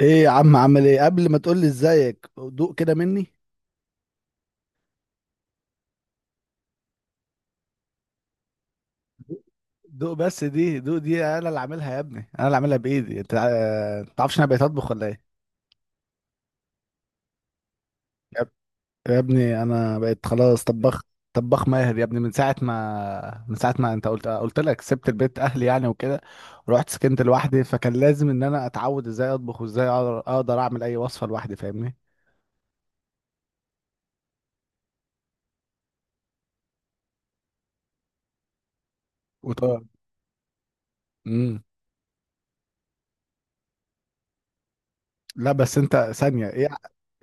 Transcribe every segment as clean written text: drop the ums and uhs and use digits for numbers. ايه يا عم، عامل ايه؟ قبل ما تقول لي ازيك، دوق كده مني. دوق بس دي، دوق دي انا اللي عاملها يا ابني، انا اللي عاملها بايدي انت. تعرفش انا بقيت اطبخ ولا ايه؟ يا اب- يا ابني انا بقيت خلاص طباخ. طباخ ماهر يا ابني، من ساعه ما انت قلت لك سبت البيت اهلي يعني وكده، ورحت سكنت لوحدي، فكان لازم ان انا اتعود ازاي اطبخ، وازاي اقدر اعمل اي وصفه لوحدي. فاهمني؟ وطبعا. امم لا بس انت ثانية، ايه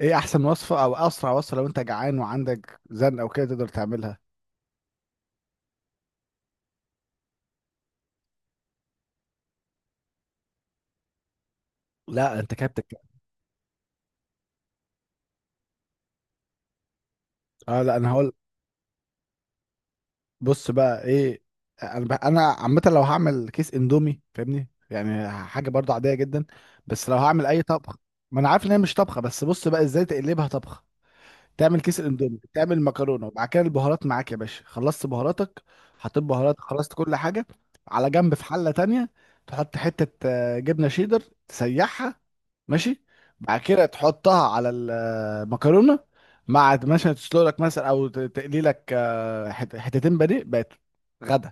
ايه احسن وصفة او اسرع وصفة لو انت جعان وعندك زن او كده تقدر تعملها؟ لا انت كده بتتكلم. اه لا، انا هقول. بص بقى، ايه؟ انا بقى، عامة لو هعمل كيس اندومي، فاهمني يعني حاجة برضو عادية جدا. بس لو هعمل اي طبخ. ما انا عارف ان هي مش طبخة، بس بص بقى ازاي تقلبها طبخة. تعمل كيس الاندومي، تعمل مكرونه، وبعد كده البهارات معاك يا باشا، خلصت بهاراتك؟ حطيت بهارات، خلصت كل حاجه، على جنب. في حله تانية تحط حته جبنه شيدر، تسيحها. ماشي. بعد كده تحطها على المكرونه مع مثلا تسلق لك مثلا، او تقلي لك حتتين بانيه بقت غدا.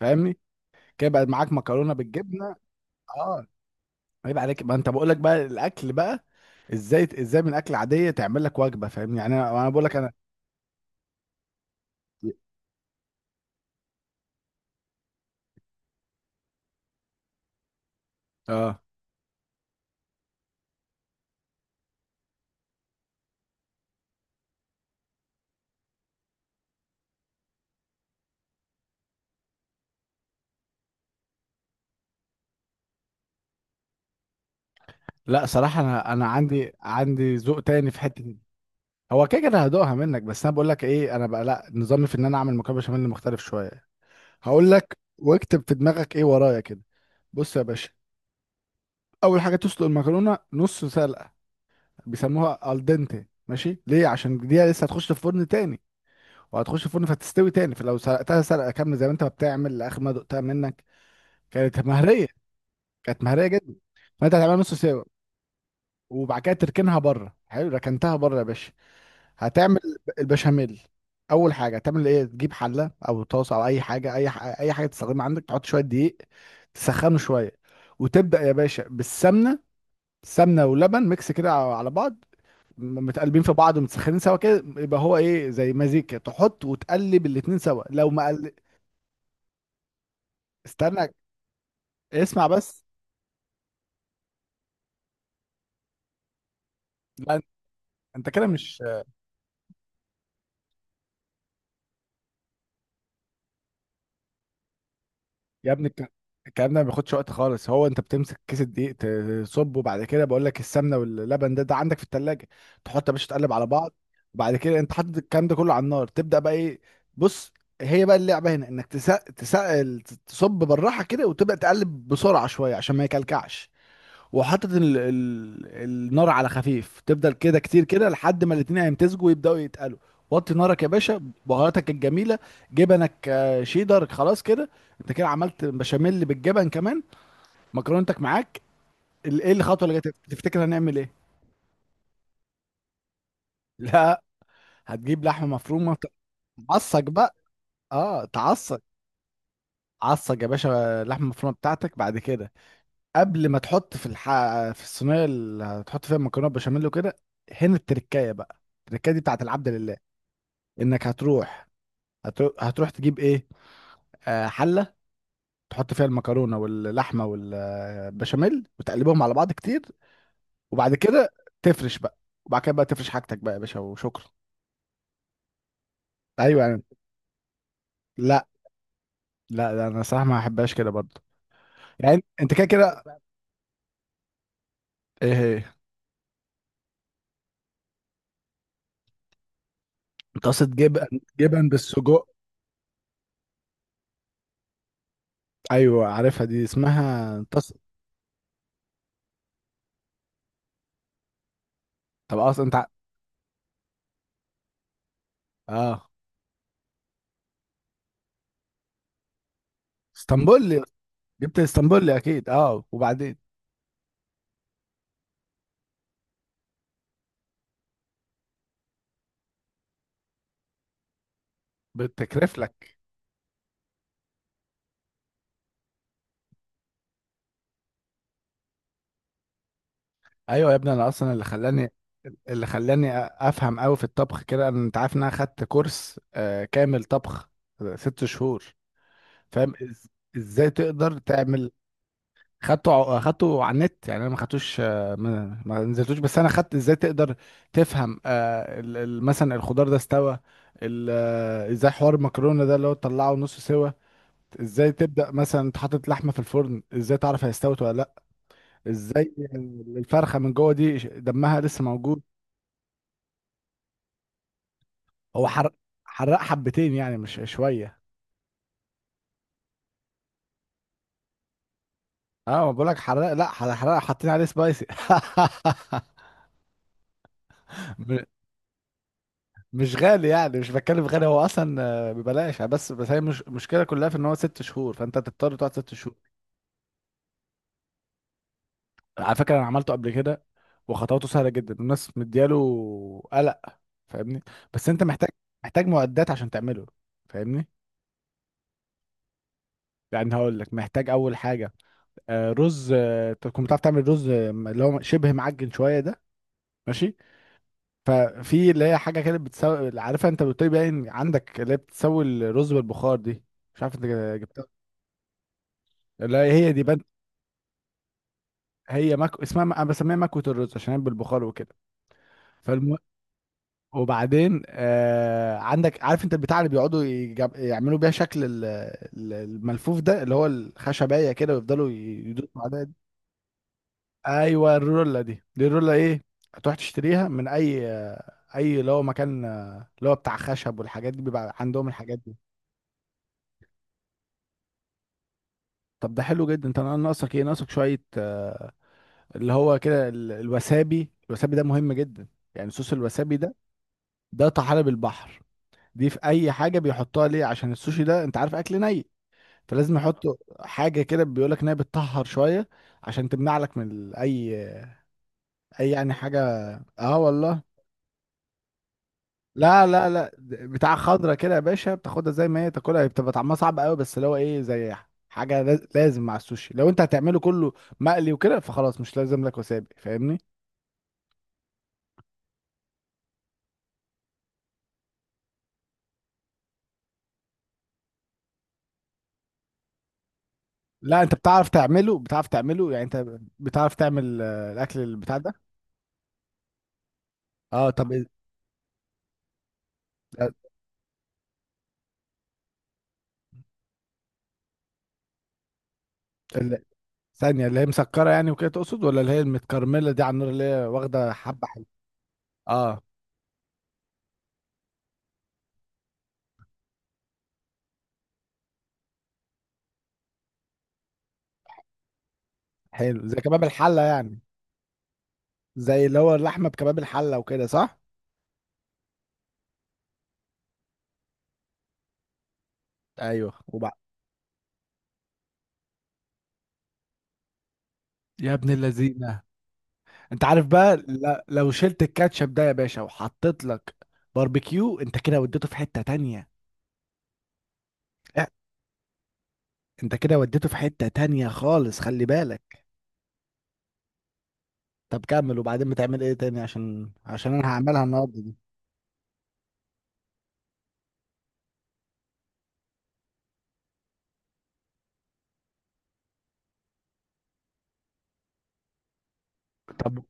فاهمني؟ كده بقى معاك مكرونه بالجبنه. اه. عيب عليك، ما انت بقول لك بقى الاكل بقى ازاي، ازاي من اكل عاديه تعمل لك وجبه. فاهمني يعني؟ انا بقول لك انا. اه لا صراحة، انا عندي ذوق تاني في حتة دي. هو كده كده هدوقها منك، بس انا بقول لك ايه، انا بقى لا، نظامي في ان انا اعمل مكرونة بشاميل مختلف شوية. هقول لك واكتب في دماغك ايه ورايا كده. بص يا باشا، اول حاجة تسلق المكرونة نص سلقة. بيسموها الدنتي، ماشي؟ ليه؟ عشان دي لسه هتخش في فرن تاني، وهتخش في فرن فتستوي تاني. فلو سلقتها سلقة كاملة زي ما انت ما بتعمل، لاخر ما دقتها منك كانت مهرية، كانت مهرية جدا. فانت هتعملها نص سوا. وبعد كده تركنها بره. حلو، ركنتها بره يا باشا، هتعمل البشاميل. اول حاجه هتعمل ايه؟ تجيب حله او طاسه او اي حاجه، اي حاجه تستخدمها عندك. تحط شويه دقيق، تسخنه شويه، وتبدا يا باشا بالسمنه. سمنه ولبن، ميكس كده على بعض، متقلبين في بعض ومتسخنين سوا كده، يبقى هو ايه زي مزيج كده. تحط وتقلب الاتنين سوا لو ما قل... استنى، اسمع بس. لا انت كده مش. يا ابني الكلام ده ما بياخدش وقت خالص. هو انت بتمسك كيس الدقيق، تصبه، وبعد كده بقول لك السمنه واللبن، ده عندك في التلاجة، تحط يا باشا، تقلب على بعض. وبعد كده انت حاطط الكلام ده كله على النار، تبدا بقى ايه؟ بص، هي بقى اللعبه هنا، انك تسق، تصب بالراحه كده، وتبدا تقلب بسرعه شويه عشان ما يكلكعش. وحاطط ال... ال... النار على خفيف، تفضل كده كتير كده لحد ما الاتنين هيمتزجوا ويبداوا يتقلوا. وطي نارك يا باشا، بهاراتك الجميله، جبنك شيدر، خلاص كده انت كده عملت بشاميل بالجبن كمان. مكرونتك معاك، ايه الخطوه اللي جايه تفتكر هنعمل ايه؟ لا، هتجيب لحمه مفرومه، تعصج بقى. اه تعصج. عصج يا باشا اللحمه المفرومه بتاعتك. بعد كده قبل ما تحط في في الصينيه اللي هتحط فيها المكرونه بشاميل وكده، هنا التركايه بقى. التركايه دي بتاعت العبد لله، انك هتروح، هتروح تجيب ايه؟ آه، حله، تحط فيها المكرونه واللحمه والبشاميل وتقلبهم على بعض كتير، وبعد كده تفرش بقى. وبعد كده بقى تفرش حاجتك بقى يا باشا، وشكرا. ايوه يعني. لا لا لا، انا صراحه ما احبهاش كده برضه. يعني انت كده كده. ايه هي؟ طاسه جبن، جبن بالسجق. ايوه عارفها، دي اسمها طاسه. طب اصلا اه، اسطنبول. جبت اسطنبول اكيد، اه. وبعدين بتكرف لك. ايوه يا ابني، انا اصلا اللي خلاني، اللي خلاني افهم قوي في الطبخ كده، انا انت عارف ان انا خدت كورس آه كامل طبخ 6 شهور. فاهم ازاي تقدر تعمل. خدته على النت يعني، انا ما خدتوش ما نزلتوش. بس انا خدت ازاي تقدر تفهم آه ال... مثلا الخضار ده استوى، ال... ازاي حوار المكرونه ده، اللي هو تطلعه نص سوا. ازاي تبدا مثلا، انت حاطط لحمه في الفرن، ازاي تعرف هي استوت ولا لا. ازاي الفرخه من جوه دي دمها لسه موجود. هو حرق، حرق حبتين يعني مش شويه. اه ما بقولك حرق، لا حرق، حرق، حاطين عليه سبايسي. م- مش غالي يعني، مش بتكلم غالي هو اصلا، ببلاش يعني. بس هي مش المشكله كلها، في ان هو 6 شهور، فانت تضطر تقعد 6 شهور. على فكره انا عملته قبل كده، وخطواته سهله جدا، الناس مدياله قلق. فاهمني؟ بس انت محتاج، محتاج معدات عشان تعمله. فاهمني؟ يعني هقول لك، محتاج اول حاجه رز، تكون بتعرف تعمل رز، اللي هو شبه معجن شويه ده. ماشي؟ في اللي هي حاجه كده بتسوي، عارفها انت، بتقول إيه، باين عندك، اللي هي بتسوي الرز بالبخار دي. مش عارف انت جبتها. لا هي دي بنت، هي اسمها انا بسميها مكوة الرز عشان هي بالبخار وكده. فالم... وبعدين آه، عندك، عارف انت البتاع اللي بيقعدوا يعملوا بيها شكل ال- الملفوف ده، اللي هو الخشبية كده ويفضلوا يدوسوا عليها. ايوه الرولا دي، دي الرولا ايه، هتروح تشتريها من اي، اي اللي هو مكان، اللي هو بتاع خشب والحاجات دي، بيبقى عندهم الحاجات دي. طب ده حلو جدا. انت ناقصك ايه؟ ناقصك شويه اللي هو كده الوسابي. الوسابي ده مهم جدا، يعني صوص الوسابي ده. ده طحالب البحر، دي في اي حاجه بيحطوها ليه، عشان السوشي ده انت عارف اكل ني، فلازم يحطوا حاجه كده بيقولك انها بتطهر شويه، عشان تمنع لك من اي، اي يعني حاجه. اه والله. لا لا لا، بتاع خضرة كده يا باشا، بتاخدها زي ما هي تاكلها، هي بتبقى طعمها صعب قوي، بس اللي هو ايه، زي حاجة لازم مع السوشي. لو انت هتعمله كله مقلي وكده، فخلاص مش لازم لك وسابي. فاهمني؟ لا انت بتعرف تعمله، بتعرف تعمله. يعني انت بتعرف تعمل الاكل البتاع ده. اه طب ال- ثانية، اللي هي مسكرة يعني وكده تقصد، ولا اللي هي المتكرملة دي على النار اللي هي واخدة حبة حلو؟ اه حلو، زي كباب الحلة يعني، زي اللي هو اللحمة بكباب الحلة وكده، صح؟ ايوه وبعد. يا ابن اللذينة، انت عارف بقى لو شلت الكاتشب ده يا باشا وحطيت لك باربيكيو، انت كده وديته في حتة تانية. اه، انت كده وديته في حتة تانية خالص، خلي بالك. طب كمل، وبعدين بتعمل ايه تاني؟ عشان عشان انا هعملها النهارده دي. طب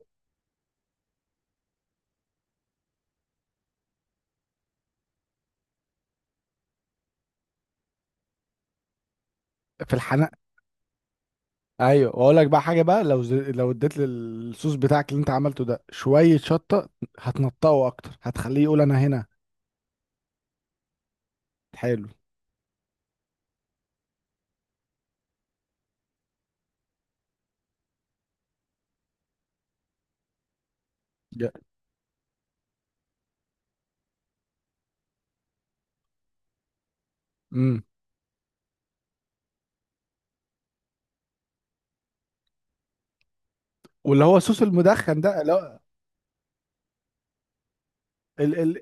في الحناء. ايوه واقول لك بقى حاجه بقى، لو اديت للصوص بتاعك اللي انت عملته ده شويه شطه، هتنطقه اكتر، هتخليه يقول انا هنا. حلو. امم واللي هو الصوص المدخن ده. لا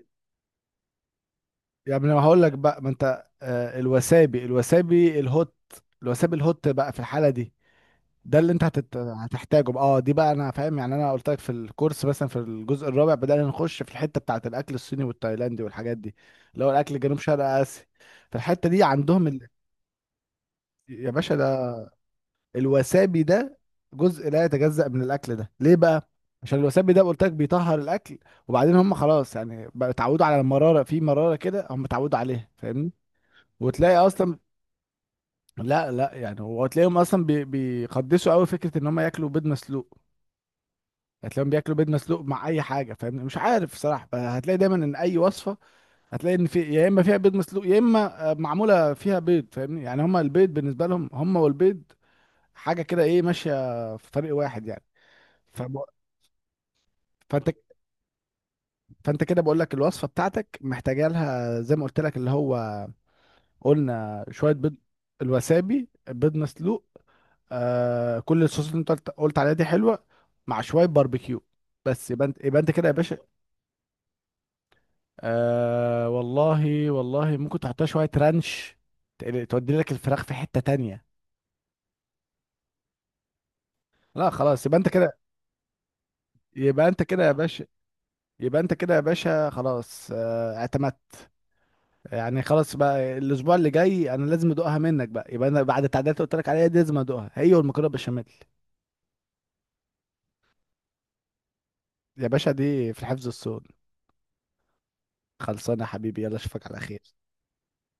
يعني انا هقول لك بقى، ما انت الوسابي الهوت، الوسابي الهوت بقى في الحاله دي، ده اللي انت هتحتاجه بقى. اه دي بقى انا فاهم، يعني انا قلت لك في الكورس مثلا في الجزء الرابع بدأنا نخش في الحته بتاعه الاكل الصيني والتايلاندي والحاجات دي، اللي هو الاكل جنوب شرق اسيا. فالحته دي عندهم ال... يا باشا ده الوسابي ده جزء لا يتجزأ من الاكل ده. ليه بقى؟ عشان الوسابي ده قلت لك بيطهر الاكل. وبعدين هم خلاص يعني بقى اتعودوا على المراره، في مراره كده هم اتعودوا عليها. فاهمني؟ وتلاقي اصلا. لا لا، يعني هو تلاقيهم اصلا بي بيقدسوا قوي فكره ان هم ياكلوا بيض مسلوق. هتلاقيهم بياكلوا بيض مسلوق مع اي حاجه، فاهم؟ مش عارف صراحه، هتلاقي دايما ان اي وصفه، هتلاقي ان في يا اما فيها بيض مسلوق، يا اما معموله فيها بيض. فاهمني يعني؟ هم البيض بالنسبه لهم هم والبيض حاجه كده ايه، ماشيه في طريق واحد يعني. فب... فانت فانت كده بقول لك الوصفه بتاعتك محتاجه لها زي ما قلت لك، اللي هو قلنا شويه بيض، الوسابي، بيض مسلوق، آه كل الصوصات اللي انت قلت عليها دي حلوه، مع شويه باربيكيو. بس يبقى انت، يبقى انت كده يا باشا. آه والله، والله ممكن تحطها شويه رانش، تودي لك الفراخ في حته تانية. لا خلاص، يبقى انت كده، يبقى انت كده يا باشا، يبقى انت كده يا باشا خلاص، آه اعتمدت. يعني خلاص بقى الاسبوع اللي جاي انا لازم ادوقها منك بقى، يبقى انا بعد التعديلات اللي قلت لك عليها دي لازم ادوقها هي والمكرونه بشاميل. يا باشا دي في الحفظ الصون، خلصانه يا حبيبي. يلا اشوفك على خير.